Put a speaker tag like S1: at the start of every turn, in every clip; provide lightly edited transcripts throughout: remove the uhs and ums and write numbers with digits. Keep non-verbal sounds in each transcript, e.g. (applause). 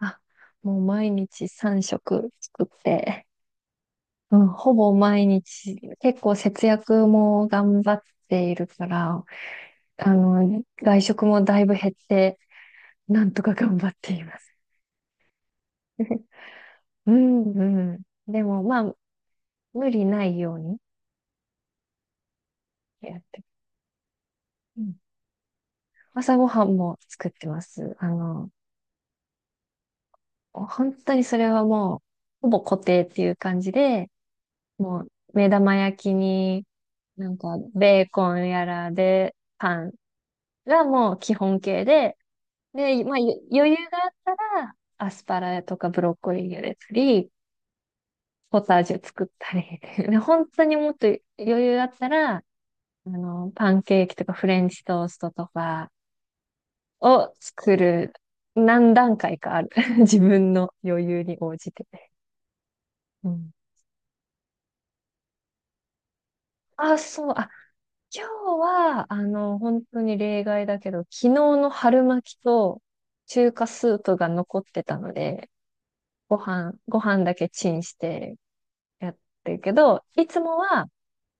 S1: あ、もう毎日3食作って、うん、ほぼ毎日、結構節約も頑張っているから、外食もだいぶ減って、なんとか頑張っています。うん、うん。でも、まあ、無理ないようにやって。うん、朝ごはんも作ってます。本当にそれはもう、ほぼ固定っていう感じで、もう、目玉焼きに、なんか、ベーコンやらで、パンがもう基本形で、で、まあ、余裕があったら、アスパラとかブロッコリー茹でたり、ポタージュ作ったり、(laughs) で、本当にもっと余裕があったら、パンケーキとかフレンチトーストとかを作る、何段階かある。(laughs) 自分の余裕に応じて。うん。あ、そう、あ、今日は、本当に例外だけど、昨日の春巻きと中華スープが残ってたので、ご飯だけチンしてやってるけど、いつもは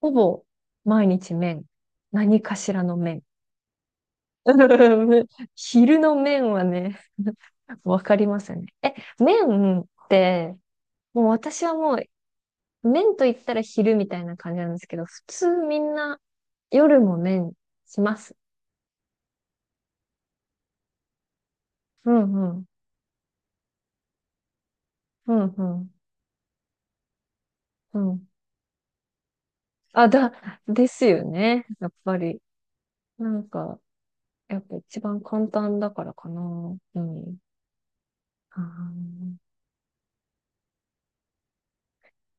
S1: ほぼ毎日麺。何かしらの麺。(laughs) 昼の麺はね。(laughs) わかりますよね。麺って、もう私はもう麺と言ったら昼みたいな感じなんですけど、普通みんな夜も麺します。うんうん。うんうん。うん。あ、だ、ですよね。やっぱり。なんか、やっぱ一番簡単だからかな。うん。あー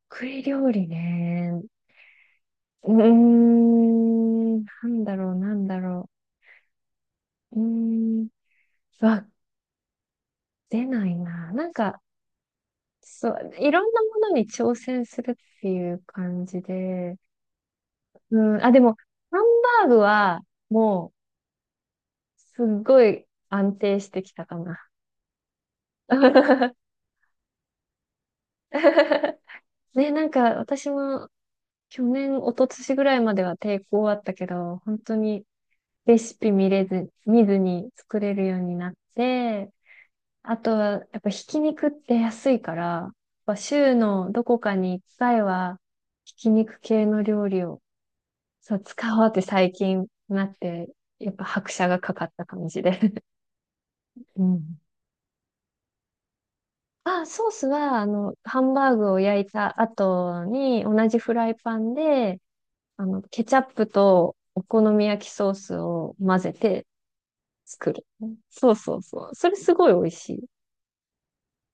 S1: 得意料理ね。なんだろう、なんだろう。ん、わ、出ないな。なんか、そう、いろんなものに挑戦するっていう感じで。うん、あ、でも、ハンバーグは、もう、すっごい安定してきたかな。(laughs) ね、なんか、私も、去年、一昨年ぐらいまでは抵抗あったけど、本当に、レシピ見れず、見ずに作れるようになって、あとは、やっぱひき肉って安いから、やっぱ週のどこかに一回は、ひき肉系の料理を、そう、使おうって最近なって、やっぱ拍車がかかった感じで。(laughs) うん。あ、ソースは、ハンバーグを焼いた後に、同じフライパンで、ケチャップとお好み焼きソースを混ぜて作る。そうそうそう。それすごい美味しい。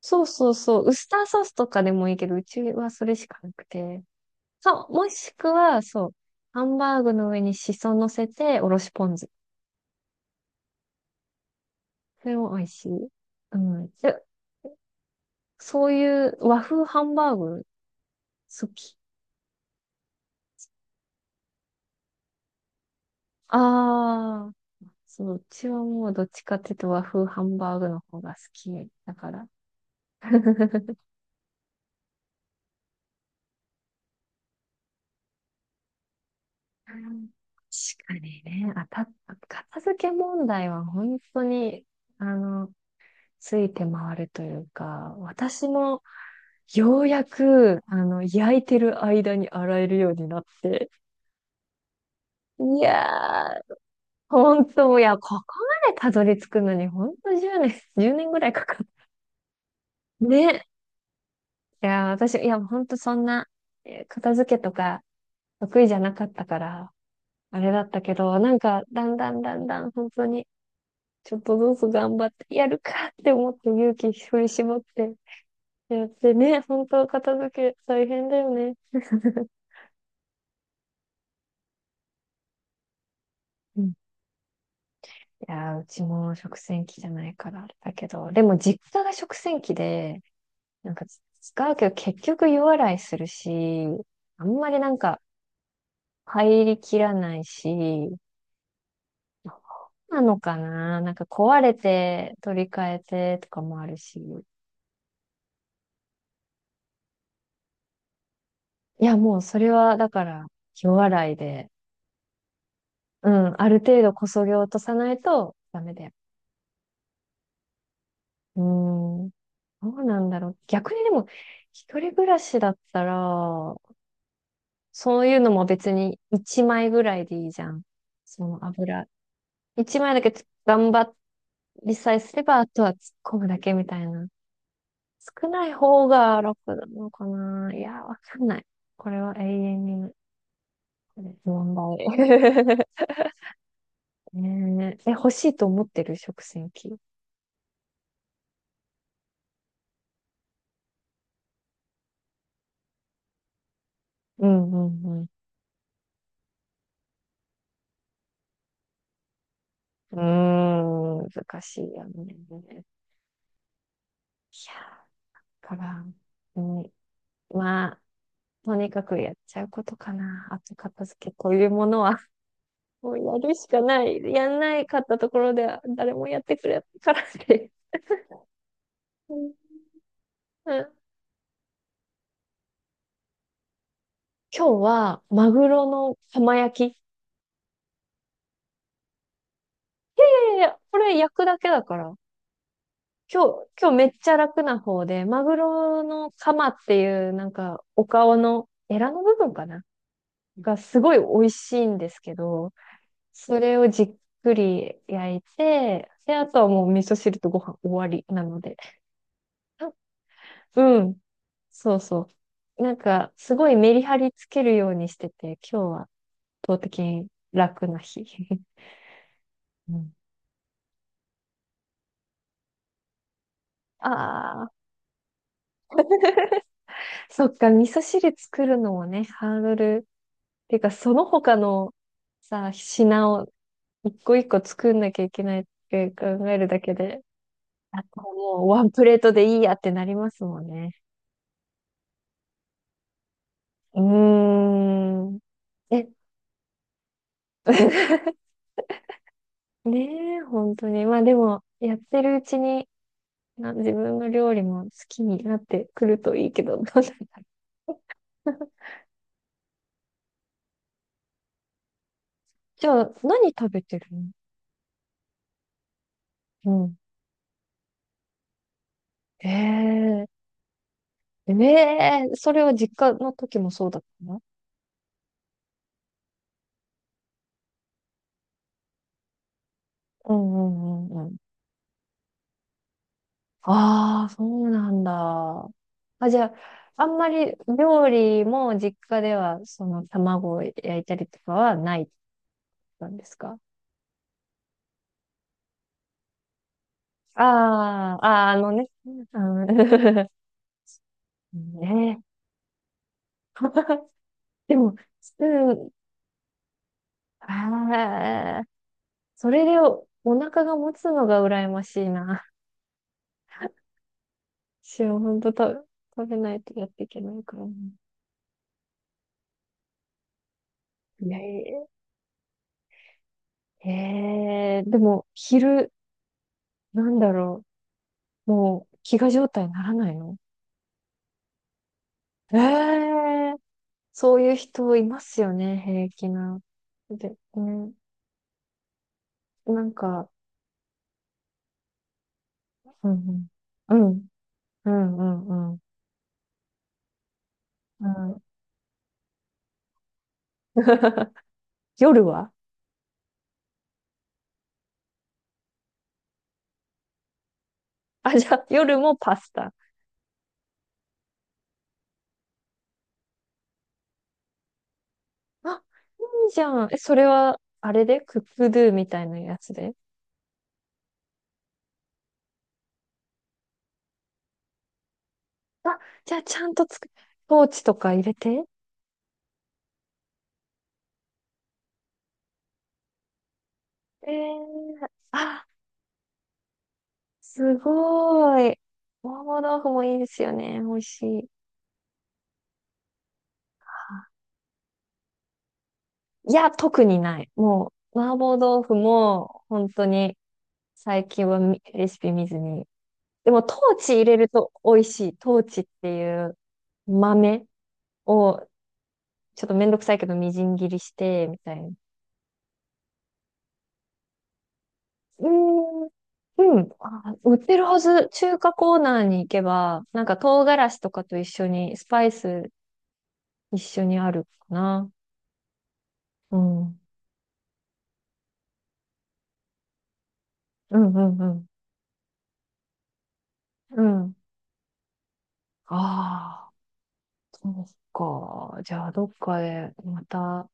S1: そうそうそう。ウスターソースとかでもいいけど、うちはそれしかなくて。そう、もしくは、そう、ハンバーグの上にシソ乗せて、おろしポン酢。それも美味しい。うん。で、そういう和風ハンバーグ好き。ああ、そう、うちはもうどっちかっていうと和風ハンバーグの方が好きだから。(laughs) 確かにね、片付け問題は本当に、あの、ついて回るというか、私もようやく、焼いてる間に洗えるようになって、いやー、ほんと、いや、ここまでたどり着くのに、ほんと10年、1年ぐらいかかる。ね。いやー、私、いや、ほんとそんな、片付けとか得意じゃなかったから、あれだったけど、なんか、だんだんだんだん、本当に、ちょっとずつ頑張ってやるかって思って勇気振り絞ってやってね、本当片付け大変だよね。うん。いや、うちも食洗機じゃないからあれだけど、でも実家が食洗機で、なんか使うけど結局湯洗いするし、あんまりなんか入りきらないし、なのかな、なんか壊れて取り替えてとかもあるし。いや、もうそれはだから湯洗いで、うん、ある程度こそげ落とさないとダメだよ。うーん、どうなんだろう。逆にでも一人暮らしだったら、そういうのも別に1枚ぐらいでいいじゃん。その油。1枚だけ頑張りさえすれば、あとは突っ込むだけみたいな。少ない方が楽なのかな。いや、わかんない。これは永遠に問題。(laughs) ねえ、欲しいと思ってる食洗機。うんうんうん。うーん、難しいよね。いや、だから、うん、まあ、とにかくやっちゃうことかな。後片付けというものはもうやるしかない。やんないかったところでは誰もやってくれないからって。うんうん。今日はマグロの浜焼き。でこれ焼くだけだから。今日めっちゃ楽な方で、マグロのカマっていうなんかお顔のエラの部分かながすごい美味しいんですけど、それをじっくり焼いて、で、あとはもう味噌汁とご飯終わりなので。うん。そうそう。なんか、すごいメリハリつけるようにしてて、今日は圧倒的に楽な日。(laughs) うん。ああ、そっか。味噌汁作るのもね、ハードル。てか、その他のさ、品を一個一個作んなきゃいけないって考えるだけで、あともうワンプレートでいいやってなりますもんね。うーん。え、(laughs) ねえ、本当に。まあでも、やってるうちに、自分の料理も好きになってくるといいけど、どうなんだろう。(laughs) じゃあ、何食べてるの。うん。ええええ、それは実家の時もそうだったの。うんうんうんうん。ああ、そうなんだ。あ、じゃあ、あんまり料理も実家では、その卵を焼いたりとかはないなんですか？ああ、ああ、あのね。うん、(laughs) ねえ。でも、スプーン、ああ、それでお腹が持つのが羨ましいな。(laughs) しはん当食べ、食べないとやっていけないから。いやいや。ええーでも、昼、なんだろう。もう、飢餓状態にならないの？ええー、そういう人いますよね、平気な。で、ね、なんか、うんうん、うん、うん、うん、うん。うん。 (laughs) 夜は、あ、じゃあ、夜もパスタ。あ、いいじゃん。え、それは、あれでクックドゥみたいなやつで。あ、じゃあちゃんとつく、ポーチとか入れて。あ、すごい。麻婆豆腐もいいですよね。美味しい。いや、特にない。もう、麻婆豆腐も、本当に、最近はレシピ見ずに。でも、トーチ入れると美味しい。トーチっていう豆を、ちょっとめんどくさいけど、みじん切りして、みたいな。うーん、うん、あ、売ってるはず。中華コーナーに行けば、なんか唐辛子とかと一緒に、スパイス一緒にあるかな。うん。うん、うん、うん。うん。ああ、そうか。じゃあ、どっかでまた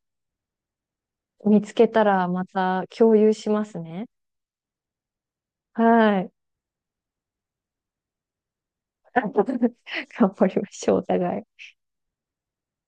S1: 見つけたらまた共有しますね。はい。(laughs) 頑張りましょう、お互い。